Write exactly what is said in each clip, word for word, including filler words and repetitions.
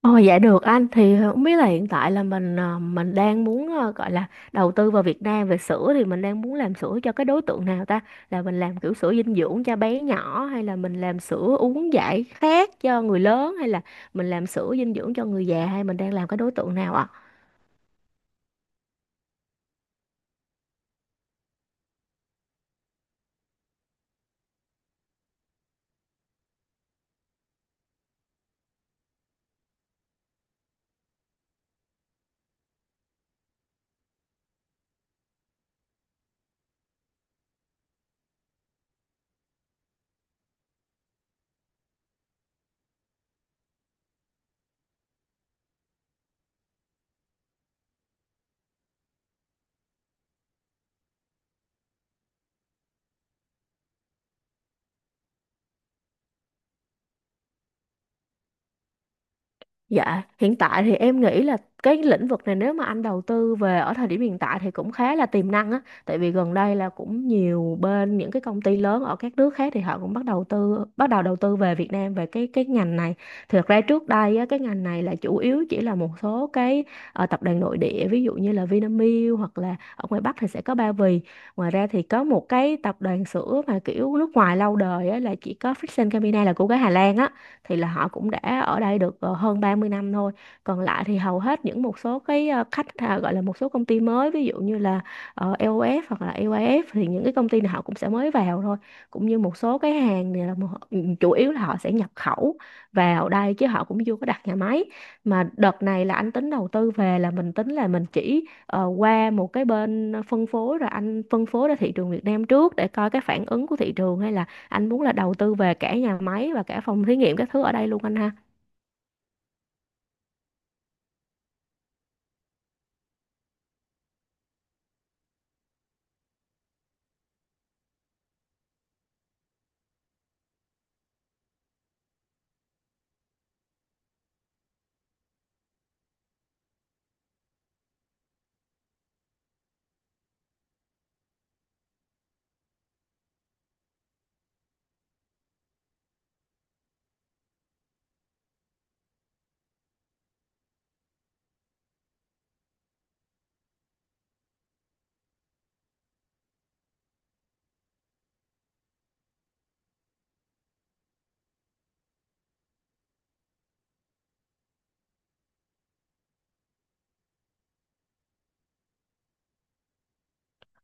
Ồ dạ được anh thì ờ, không biết là hiện tại là mình ờ, mình đang muốn ờ, gọi là đầu tư vào Việt Nam về sữa thì mình đang muốn làm sữa cho cái đối tượng nào ta? Là mình làm kiểu sữa dinh dưỡng cho bé nhỏ hay là mình làm sữa uống giải khát cho người lớn hay là mình làm sữa dinh dưỡng cho người già hay mình đang làm cái đối tượng nào ạ? Dạ, hiện tại thì em nghĩ là cái lĩnh vực này nếu mà anh đầu tư về ở thời điểm hiện tại thì cũng khá là tiềm năng á, tại vì gần đây là cũng nhiều bên những cái công ty lớn ở các nước khác thì họ cũng bắt đầu tư bắt đầu đầu tư về Việt Nam về cái cái ngành này. Thực ra trước đây á, cái ngành này là chủ yếu chỉ là một số cái ờ, tập đoàn nội địa, ví dụ như là Vinamilk hoặc là ở ngoài Bắc thì sẽ có Ba Vì. Ngoài ra thì có một cái tập đoàn sữa mà kiểu nước ngoài lâu đời á, là chỉ có Friesen Campina là của cái Hà Lan á, thì là họ cũng đã ở đây được ờ, hơn ba mươi năm thôi. Còn lại thì hầu hết những một số cái ờ, khách à, gọi là một số công ty mới, ví dụ như là ờ, lờ ô ép hoặc là i vai ép, thì những cái công ty này họ cũng sẽ mới vào thôi, cũng như một số cái hàng này là một, ừ, chủ yếu là họ sẽ nhập khẩu vào đây chứ họ cũng chưa có đặt nhà máy. Mà đợt này là anh tính đầu tư về là mình tính là mình chỉ ờ, qua một cái bên phân phối rồi anh phân phối ra thị trường Việt Nam trước để coi cái phản ứng của thị trường, hay là anh muốn là đầu tư về cả nhà máy và cả phòng thí nghiệm các thứ ở đây luôn anh ha?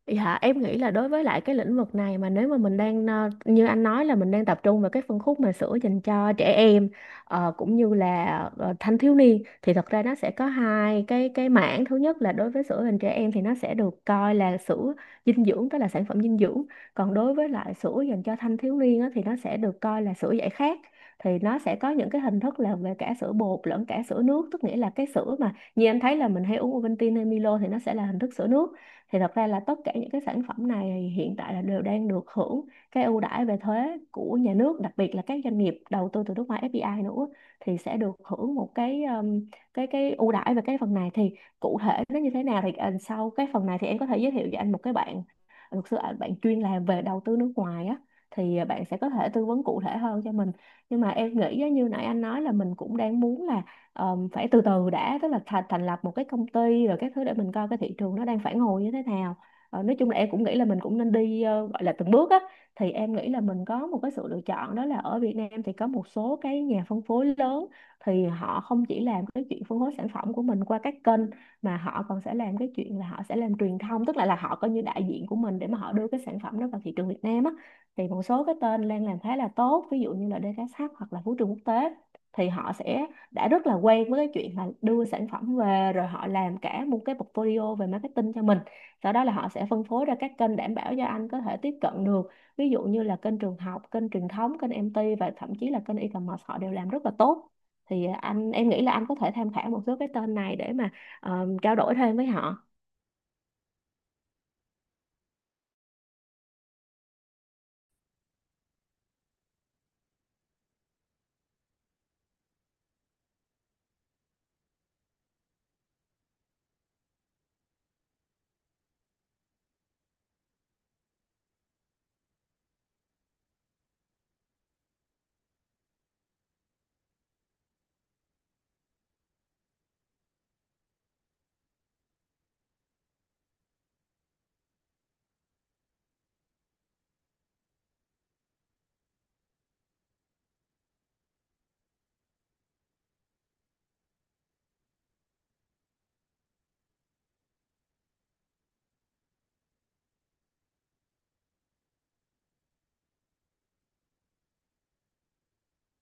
Dạ, em nghĩ là đối với lại cái lĩnh vực này mà nếu mà mình đang ờ, như anh nói là mình đang tập trung vào cái phân khúc mà sữa dành cho trẻ em, ờ, cũng như là ờ, thanh thiếu niên, thì thật ra nó sẽ có hai cái cái mảng. Thứ nhất là đối với sữa dành trẻ em thì nó sẽ được coi là sữa dinh dưỡng, tức là sản phẩm dinh dưỡng. Còn đối với lại sữa dành cho thanh thiếu niên á, thì nó sẽ được coi là sữa giải khát. Thì nó sẽ có những cái hình thức là về cả sữa bột lẫn cả sữa nước, tức nghĩa là cái sữa mà như anh thấy là mình hay uống Ovaltine hay Milo thì nó sẽ là hình thức sữa nước. Thì thật ra là tất cả những cái sản phẩm này hiện tại là đều đang được hưởng cái ưu đãi về thuế của nhà nước, đặc biệt là các doanh nghiệp đầu tư từ nước ngoài ép đê i nữa thì sẽ được hưởng một cái um, cái cái ưu đãi về cái phần này. Thì cụ thể nó như thế nào thì ờ, sau cái phần này thì em có thể giới thiệu cho anh một cái bạn luật sư, ờ, bạn chuyên làm về đầu tư nước ngoài á, thì ờ, bạn sẽ có thể tư vấn cụ thể hơn cho mình. Nhưng mà em nghĩ á, như nãy anh nói là mình cũng đang muốn là Ờm, phải từ từ đã, tức là thành thành lập một cái công ty rồi các thứ để mình coi cái thị trường nó đang phản hồi như thế nào. Ờ, nói chung là em cũng nghĩ là mình cũng nên đi ờ, gọi là từng bước á. Thì em nghĩ là mình có một cái sự lựa chọn, đó là ở Việt Nam thì có một số cái nhà phân phối lớn, thì họ không chỉ làm cái chuyện phân phối sản phẩm của mình qua các kênh mà họ còn sẽ làm cái chuyện là họ sẽ làm truyền thông, tức là là họ coi như đại diện của mình để mà họ đưa cái sản phẩm đó vào thị trường Việt Nam á. Thì một số cái tên đang làm khá là tốt, ví dụ như là đê ca ét hát hoặc là Vũ trường Quốc tế, thì họ sẽ đã rất là quen với cái chuyện là đưa sản phẩm về rồi họ làm cả một cái portfolio về marketing cho mình, sau đó là họ sẽ phân phối ra các kênh đảm bảo cho anh có thể tiếp cận được, ví dụ như là kênh trường học, kênh truyền thống, kênh em tê và thậm chí là kênh e-commerce họ đều làm rất là tốt. Thì anh em nghĩ là anh có thể tham khảo một số cái tên này để mà ờ, trao đổi thêm với họ.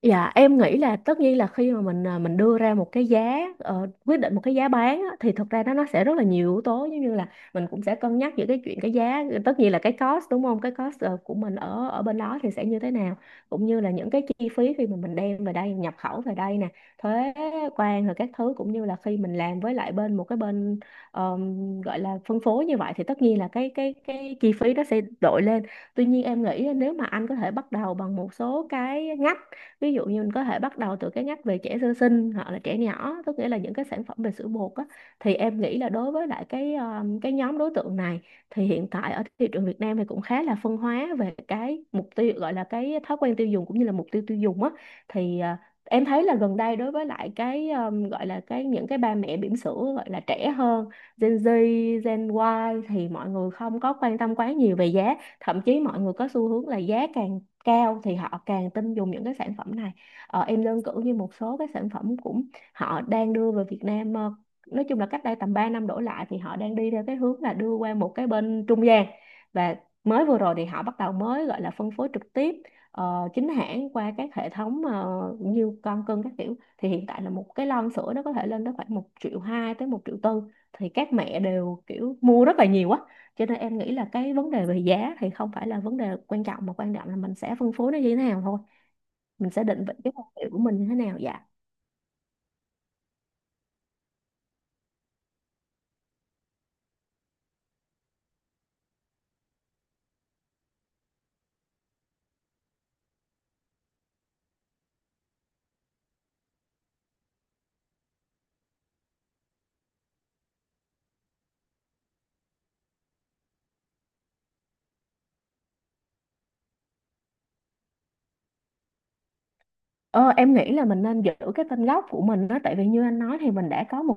Dạ em nghĩ là tất nhiên là khi mà mình à, mình đưa ra một cái giá ờ, quyết định một cái giá bán á, thì thực ra nó nó sẽ rất là nhiều yếu tố, giống như là mình cũng sẽ cân nhắc giữa cái chuyện cái giá, tất nhiên là cái cost đúng không, cái cost ờ, của mình ở ở bên đó thì sẽ như thế nào, cũng như là những cái chi phí khi mà mình đem về đây nhập khẩu về đây nè, thuế quan rồi các thứ, cũng như là khi mình làm với lại bên một cái bên ờm, gọi là phân phối như vậy thì tất nhiên là cái cái cái chi phí nó sẽ đội lên. Tuy nhiên em nghĩ nếu mà anh có thể bắt đầu bằng một số cái ngách, ví dụ như mình có thể bắt đầu từ cái ngách về trẻ sơ sinh hoặc là trẻ nhỏ, tức nghĩa là những cái sản phẩm về sữa bột á. Thì em nghĩ là đối với lại cái um, cái nhóm đối tượng này thì hiện tại ở thị trường Việt Nam thì cũng khá là phân hóa về cái mục tiêu, gọi là cái thói quen tiêu dùng cũng như là mục tiêu tiêu dùng á. Thì à, em thấy là gần đây đối với lại cái um, gọi là cái những cái ba mẹ bỉm sữa gọi là trẻ hơn, Gen Z, Gen Y, thì mọi người không có quan tâm quá nhiều về giá, thậm chí mọi người có xu hướng là giá càng cao thì họ càng tin dùng những cái sản phẩm này. Ờ, em đơn cử như một số cái sản phẩm cũng họ đang đưa về Việt Nam, ờ, nói chung là cách đây tầm ba năm đổ lại thì họ đang đi theo cái hướng là đưa qua một cái bên trung gian. Và mới vừa rồi thì họ bắt đầu mới gọi là phân phối trực tiếp, ờ, chính hãng qua các hệ thống ờ, như con cưng các kiểu, thì hiện tại là một cái lon sữa nó có thể lên tới khoảng một triệu hai tới một triệu tư. Thì các mẹ đều kiểu mua rất là nhiều á, cho nên em nghĩ là cái vấn đề về giá thì không phải là vấn đề quan trọng, mà quan trọng là mình sẽ phân phối nó như thế nào thôi, mình sẽ định vị cái thương hiệu của mình như thế nào. Dạ. Ờ, em nghĩ là mình nên giữ cái tên gốc của mình đó, tại vì như anh nói thì mình đã có một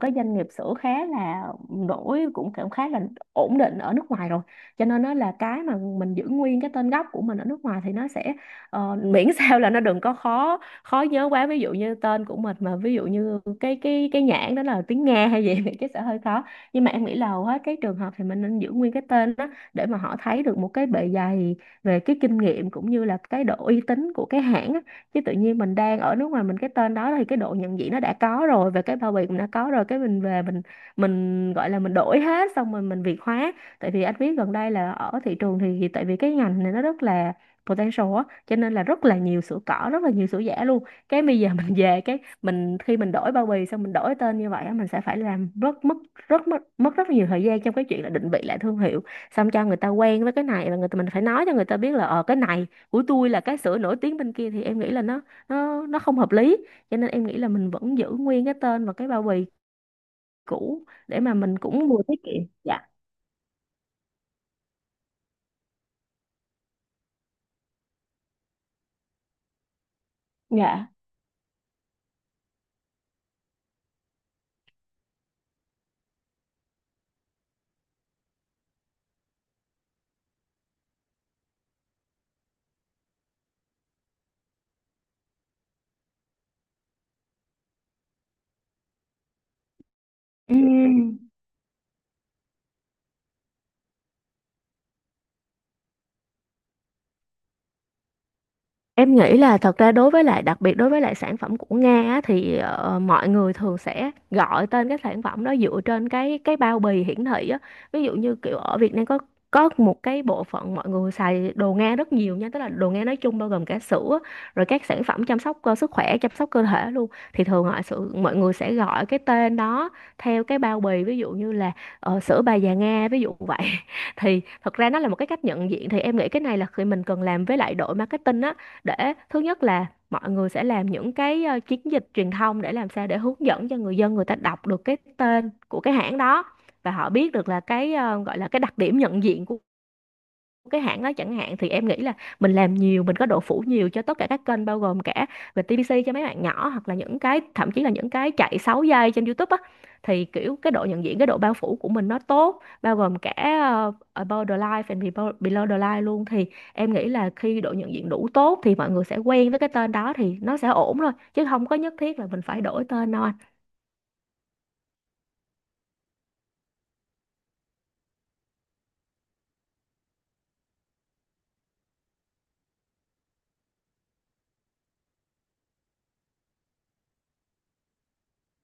cái doanh nghiệp sữa khá là nổi cũng cảm khá là ổn định ở nước ngoài rồi. Cho nên nó là cái mà mình giữ nguyên cái tên gốc của mình ở nước ngoài thì nó sẽ ờ, miễn sao là nó đừng có khó khó nhớ quá, ví dụ như tên của mình mà ví dụ như cái cái cái nhãn đó là tiếng Nga hay gì thì cái sẽ hơi khó. Nhưng mà em nghĩ là hầu hết cái trường hợp thì mình nên giữ nguyên cái tên đó, để mà họ thấy được một cái bề dày về cái kinh nghiệm cũng như là cái độ uy tín của cái hãng á. Chứ tự nhiên mình đang ở nước ngoài mình cái tên đó, thì cái độ nhận diện nó đã có rồi và cái bao bì cũng đã có rồi, cái mình về mình mình gọi là mình đổi hết xong rồi mình việt hóa. Tại vì anh biết gần đây là ở thị trường thì tại vì cái ngành này nó rất là potential á, cho nên là rất là nhiều sữa cỏ, rất là nhiều sữa giả luôn. Cái bây giờ mình về cái mình khi mình đổi bao bì xong mình đổi tên như vậy á, mình sẽ phải làm rất mất rất mất mất rất nhiều thời gian trong cái chuyện là định vị lại thương hiệu, xong cho người ta quen với cái này, và người ta mình phải nói cho người ta biết là ờ cái này của tôi là cái sữa nổi tiếng bên kia, thì em nghĩ là nó nó nó không hợp lý. Cho nên em nghĩ là mình vẫn giữ nguyên cái tên và cái bao bì cũ để mà mình cũng vừa tiết kiệm. Dạ. Dạ. Ừ. Em nghĩ là thật ra đối với lại đặc biệt đối với lại sản phẩm của Nga á, thì ờ, mọi người thường sẽ gọi tên cái sản phẩm đó dựa trên cái cái bao bì hiển thị á. Ví dụ như kiểu ở Việt Nam có có một cái bộ phận mọi người xài đồ Nga rất nhiều nha, tức là đồ Nga nói chung bao gồm cả sữa rồi các sản phẩm chăm sóc cơ sức khỏe, chăm sóc cơ thể luôn, thì thường mọi sự mọi người sẽ gọi cái tên đó theo cái bao bì, ví dụ như là ờ, sữa bà già Nga ví dụ vậy. Thì thật ra nó là một cái cách nhận diện, thì em nghĩ cái này là khi mình cần làm với lại đội marketing á, để thứ nhất là mọi người sẽ làm những cái ờ, chiến dịch truyền thông để làm sao để hướng dẫn cho người dân, người ta đọc được cái tên của cái hãng đó và họ biết được là cái ờ, gọi là cái đặc điểm nhận diện của cái hãng đó chẳng hạn, thì em nghĩ là mình làm nhiều, mình có độ phủ nhiều cho tất cả các kênh, bao gồm cả về tê vê xê cho mấy bạn nhỏ, hoặc là những cái thậm chí là những cái chạy sáu giây trên YouTube á, thì kiểu cái độ nhận diện, cái độ bao phủ của mình nó tốt, bao gồm cả ờ, above the line and below below the line luôn, thì em nghĩ là khi độ nhận diện đủ tốt thì mọi người sẽ quen với cái tên đó, thì nó sẽ ổn thôi chứ không có nhất thiết là mình phải đổi tên đâu anh.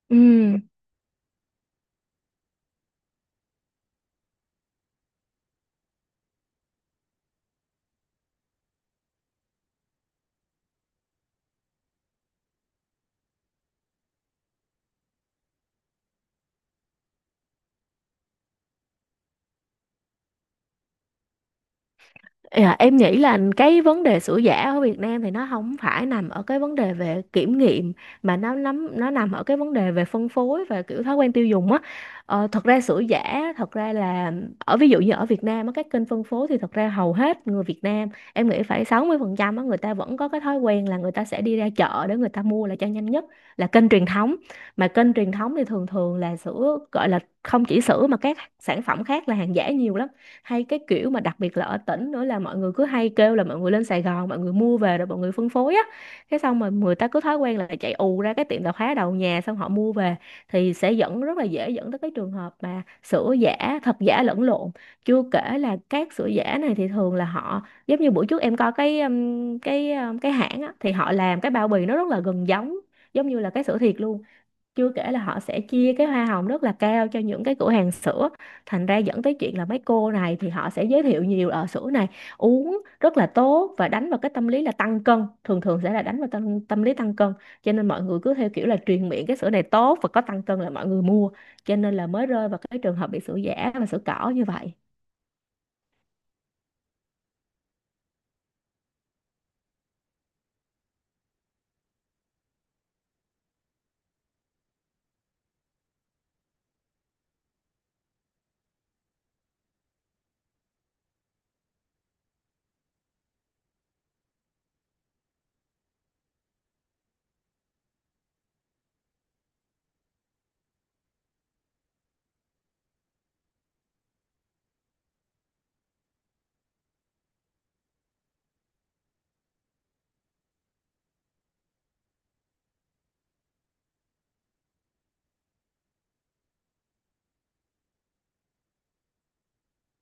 Ừ. Dạ, em nghĩ là cái vấn đề sữa giả ở Việt Nam thì nó không phải nằm ở cái vấn đề về kiểm nghiệm, mà nó nắm nó nằm ở cái vấn đề về phân phối và kiểu thói quen tiêu dùng á. Ờ, thật ra sữa giả thật ra là ở ví dụ như ở Việt Nam á, các kênh phân phối thì thật ra hầu hết người Việt Nam em nghĩ phải sáu mươi phần trăm á, người ta vẫn có cái thói quen là người ta sẽ đi ra chợ để người ta mua là cho nhanh nhất, là kênh truyền thống. Mà kênh truyền thống thì thường thường là sữa gọi là không chỉ sữa mà các sản phẩm khác là hàng giả nhiều lắm, hay cái kiểu mà đặc biệt là ở tỉnh nữa là mọi người cứ hay kêu là mọi người lên Sài Gòn mọi người mua về rồi mọi người phân phối á, cái xong mà người ta cứ thói quen là chạy ù ra cái tiệm tạp hóa đầu nhà xong họ mua về, thì sẽ dẫn rất là dễ dẫn tới cái trường hợp mà sữa giả thật giả lẫn lộn. Chưa kể là các sữa giả này thì thường là họ giống như buổi trước em coi cái um, cái um, cái hãng á thì họ làm cái bao bì nó rất là gần giống, giống như là cái sữa thiệt luôn. Chưa kể là họ sẽ chia cái hoa hồng rất là cao cho những cái cửa hàng sữa, thành ra dẫn tới chuyện là mấy cô này thì họ sẽ giới thiệu nhiều ở sữa này uống rất là tốt và đánh vào cái tâm lý là tăng cân, thường thường sẽ là đánh vào tâm, tâm lý tăng cân, cho nên mọi người cứ theo kiểu là truyền miệng cái sữa này tốt và có tăng cân là mọi người mua, cho nên là mới rơi vào cái trường hợp bị sữa giả và sữa cỏ như vậy.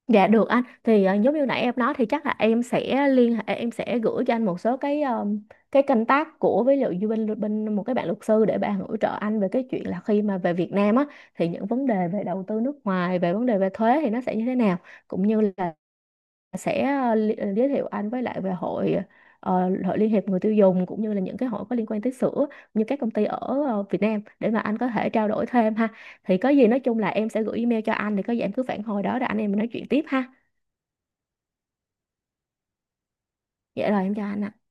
Dạ được anh, thì ờ, giống như nãy em nói thì chắc là em sẽ liên hệ, em sẽ gửi cho anh một số cái ờ, cái contact tác của với lại bên bên một cái bạn luật sư để bạn hỗ trợ anh về cái chuyện là khi mà về Việt Nam á thì những vấn đề về đầu tư nước ngoài, về vấn đề về thuế thì nó sẽ như thế nào, cũng như là sẽ ờ, li- ờ, giới thiệu anh với lại về hội ờ, hội Liên hiệp người tiêu dùng, cũng như là những cái hội có liên quan tới sữa như các công ty ở ờ, Việt Nam để mà anh có thể trao đổi thêm ha. Thì có gì nói chung là em sẽ gửi email cho anh, thì có gì em cứ phản hồi đó rồi anh em mình nói chuyện tiếp ha. Dạ rồi em chào anh ạ.